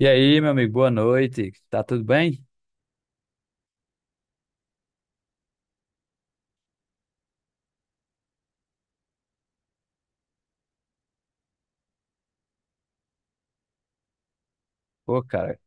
E aí, meu amigo, boa noite. Tá tudo bem? Pô, cara.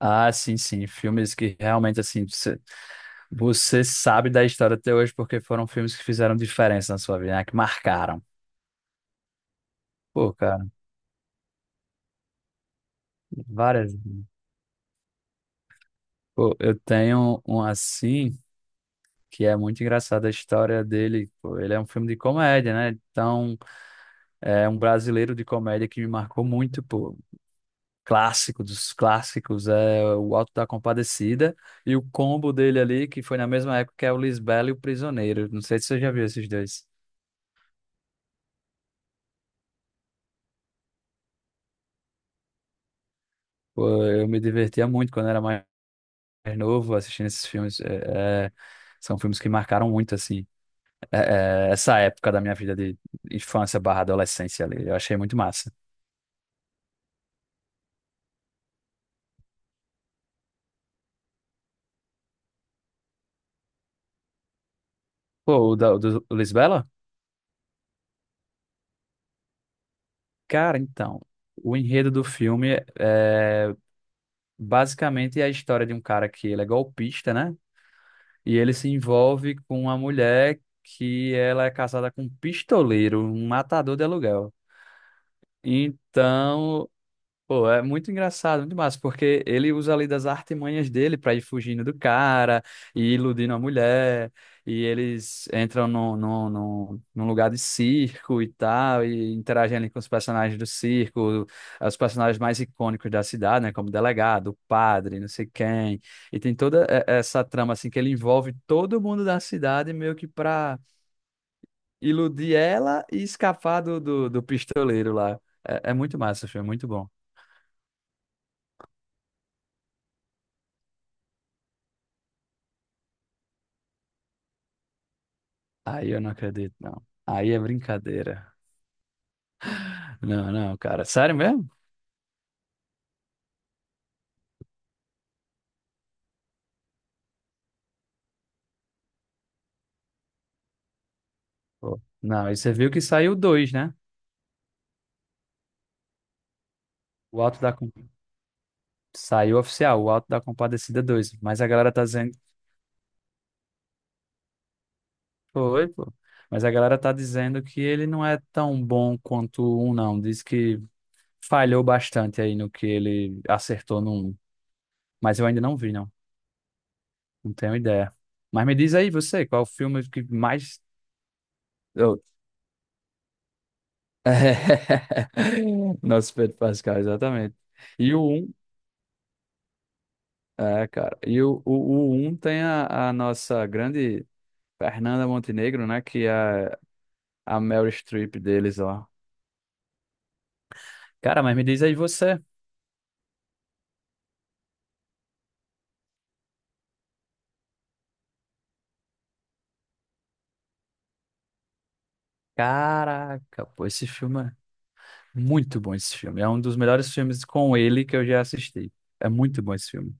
Ah, sim, sim. Filmes que realmente, assim, você sabe da história até hoje porque foram filmes que fizeram diferença na sua vida, né? Que marcaram. Pô, cara, várias. Pô, eu tenho um assim que é muito engraçado a história dele. Pô, ele é um filme de comédia, né? Então, é um brasileiro de comédia que me marcou muito, pô. Clássico dos clássicos, é o Alto da Compadecida e o combo dele ali, que foi na mesma época que é o Lisbela e o Prisioneiro. Não sei se você já viu esses dois. Pô, eu me divertia muito quando era mais novo assistindo esses filmes. São filmes que marcaram muito, assim, essa época da minha vida de infância barra adolescência ali. Eu achei muito massa. Pô, o do Lisbela? Cara, então. O enredo do filme basicamente é a história de um cara que ele é golpista, né? E ele se envolve com uma mulher que ela é casada com um pistoleiro, um matador de aluguel. Então, pô, é muito engraçado, muito massa, porque ele usa ali das artimanhas dele pra ir fugindo do cara e iludindo a mulher, e eles entram num lugar de circo e tal, e interagem ali com os personagens do circo, os personagens mais icônicos da cidade, né, como o delegado, o padre, não sei quem, e tem toda essa trama, assim, que ele envolve todo mundo da cidade meio que pra iludir ela e escapar do pistoleiro lá. É muito massa, o filme, é muito bom. Aí eu não acredito, não. Aí é brincadeira. Não, não, cara. Sério mesmo? Pô. Não, e você viu que saiu dois, né? O Auto da... Com- Saiu oficial, o Auto da Compadecida 2. Mas a galera tá dizendo. Foi, pô. Mas a galera tá dizendo que ele não é tão bom quanto o um, não. Diz que falhou bastante aí no que ele acertou no um. Mas eu ainda não vi, não. Não tenho ideia. Mas me diz aí você, qual o filme que mais. Eu- Nosso Pedro Pascal, exatamente. E o 1, é, cara, e o 1 tem a nossa grande Fernanda Montenegro, né? Que é a Meryl Streep deles lá. Cara, mas me diz aí você. Caraca, pô, esse filme é muito bom esse filme. É um dos melhores filmes com ele que eu já assisti. É muito bom esse filme.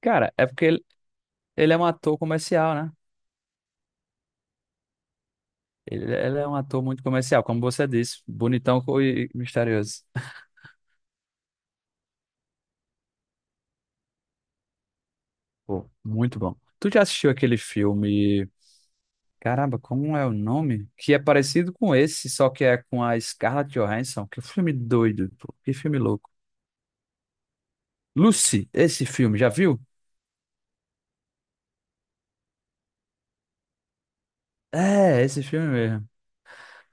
Cara, é porque ele é um ator comercial, né? Ele é um ator muito comercial, como você disse. Bonitão e misterioso. Pô, muito bom. Tu já assistiu aquele filme? Caramba, como é o nome? Que é parecido com esse, só que é com a Scarlett Johansson. Que filme doido, pô. Que filme louco. Lucy, esse filme, já viu? É, esse filme mesmo.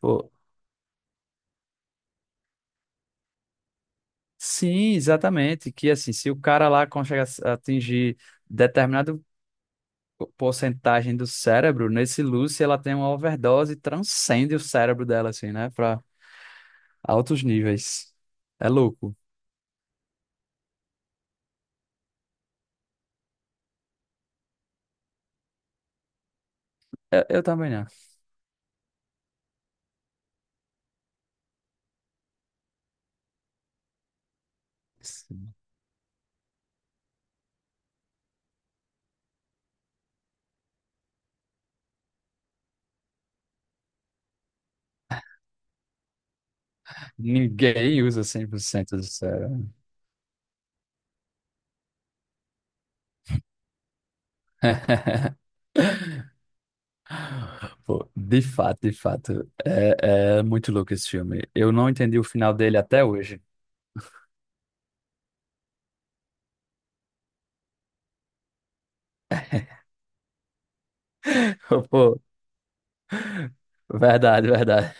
Pô, sim, exatamente. Que assim, se o cara lá consegue atingir determinada porcentagem do cérebro, nesse Lucy ela tem uma overdose e transcende o cérebro dela, assim, né? Pra altos níveis. É louco. Eu também não. Ninguém usa 100% do cérebro. Pô, de fato, é muito louco esse filme. Eu não entendi o final dele até hoje. Pô, verdade, verdade.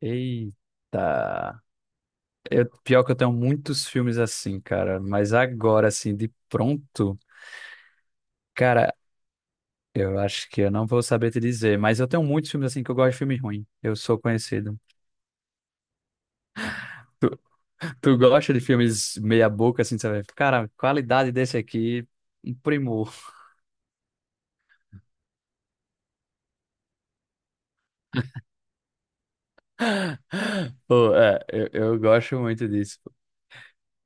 Eita. Eu, pior que eu tenho muitos filmes assim, cara, mas agora, assim, de pronto, cara, eu acho que eu não vou saber te dizer, mas eu tenho muitos filmes assim que eu gosto de filme ruim. Eu sou conhecido. Tu, tu gosta de filmes meia boca, assim, sabe? Cara, qualidade desse aqui, um primor. Pô, é, eu gosto muito disso.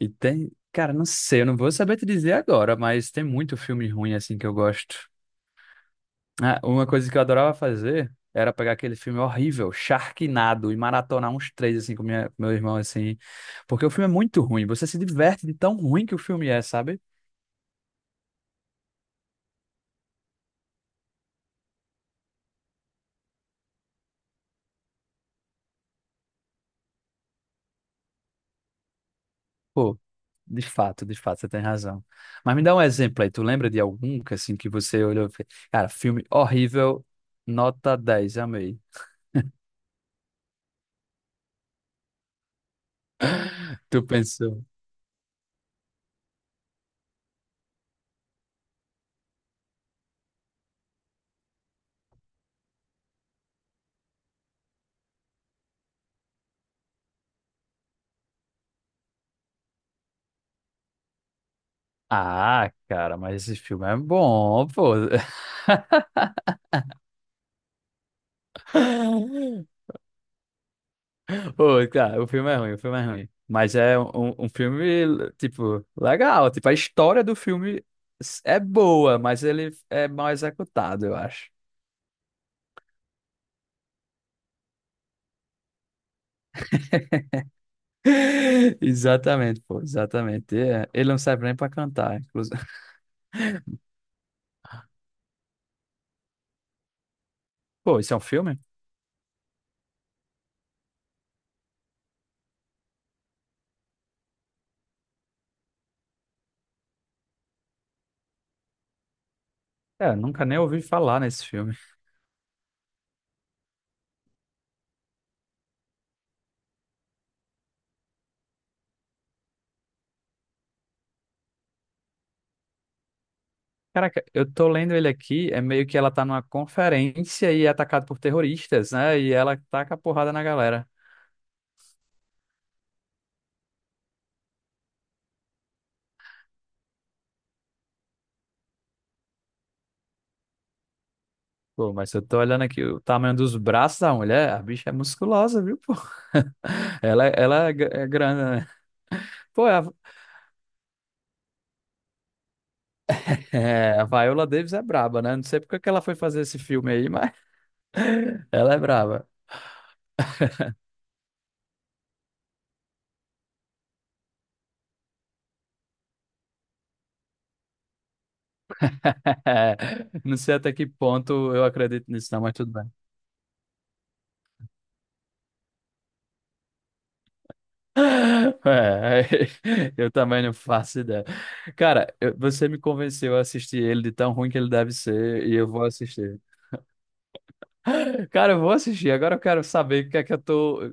E tem, cara, não sei, eu não vou saber te dizer agora, mas tem muito filme ruim assim que eu gosto. Ah, uma coisa que eu adorava fazer era pegar aquele filme horrível, Sharknado, e maratonar uns três assim com meu irmão assim, porque o filme é muito ruim, você se diverte de tão ruim que o filme é, sabe? Pô, de fato, você tem razão. Mas me dá um exemplo aí, tu lembra de algum que assim que você olhou, e fez, cara, filme horrível, nota 10 amei. Tu pensou? Ah, cara, mas esse filme é bom, pô. Pô, cara, o filme é ruim, o filme é ruim. Mas é um filme, tipo, legal. Tipo, a história do filme é boa, mas ele é mal executado, eu acho. Exatamente, pô, exatamente. É, ele não serve nem pra cantar, inclusive. Pô, isso é um filme? É, nunca nem ouvi falar nesse filme. Caraca, eu tô lendo ele aqui, é meio que ela tá numa conferência e é atacada por terroristas, né? E ela taca a porrada na galera. Pô, mas eu tô olhando aqui o tamanho dos braços da mulher, a bicha é musculosa, viu, pô? Ela é grande, né? Pô, é, a Viola Davis é braba, né? Não sei porque que ela foi fazer esse filme aí, mas ela é braba. Não sei até que ponto eu acredito nisso, não, mas tudo bem. É, eu também não faço ideia. Cara, você me convenceu a assistir ele de tão ruim que ele deve ser e eu vou assistir. Cara, eu vou assistir. Agora eu quero saber o que é que eu tô.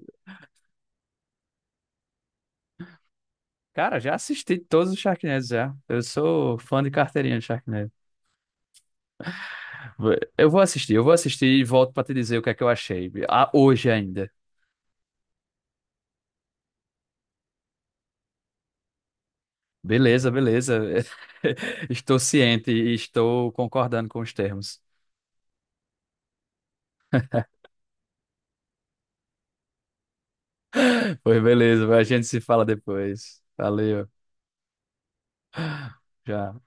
Cara, já assisti todos os Sharknados já. Eu sou fã de carteirinha de Sharknado. Eu vou assistir e volto pra te dizer o que é que eu achei. Ah, hoje ainda. Beleza, beleza. Estou ciente e estou concordando com os termos. Pois beleza, a gente se fala depois. Valeu. Já.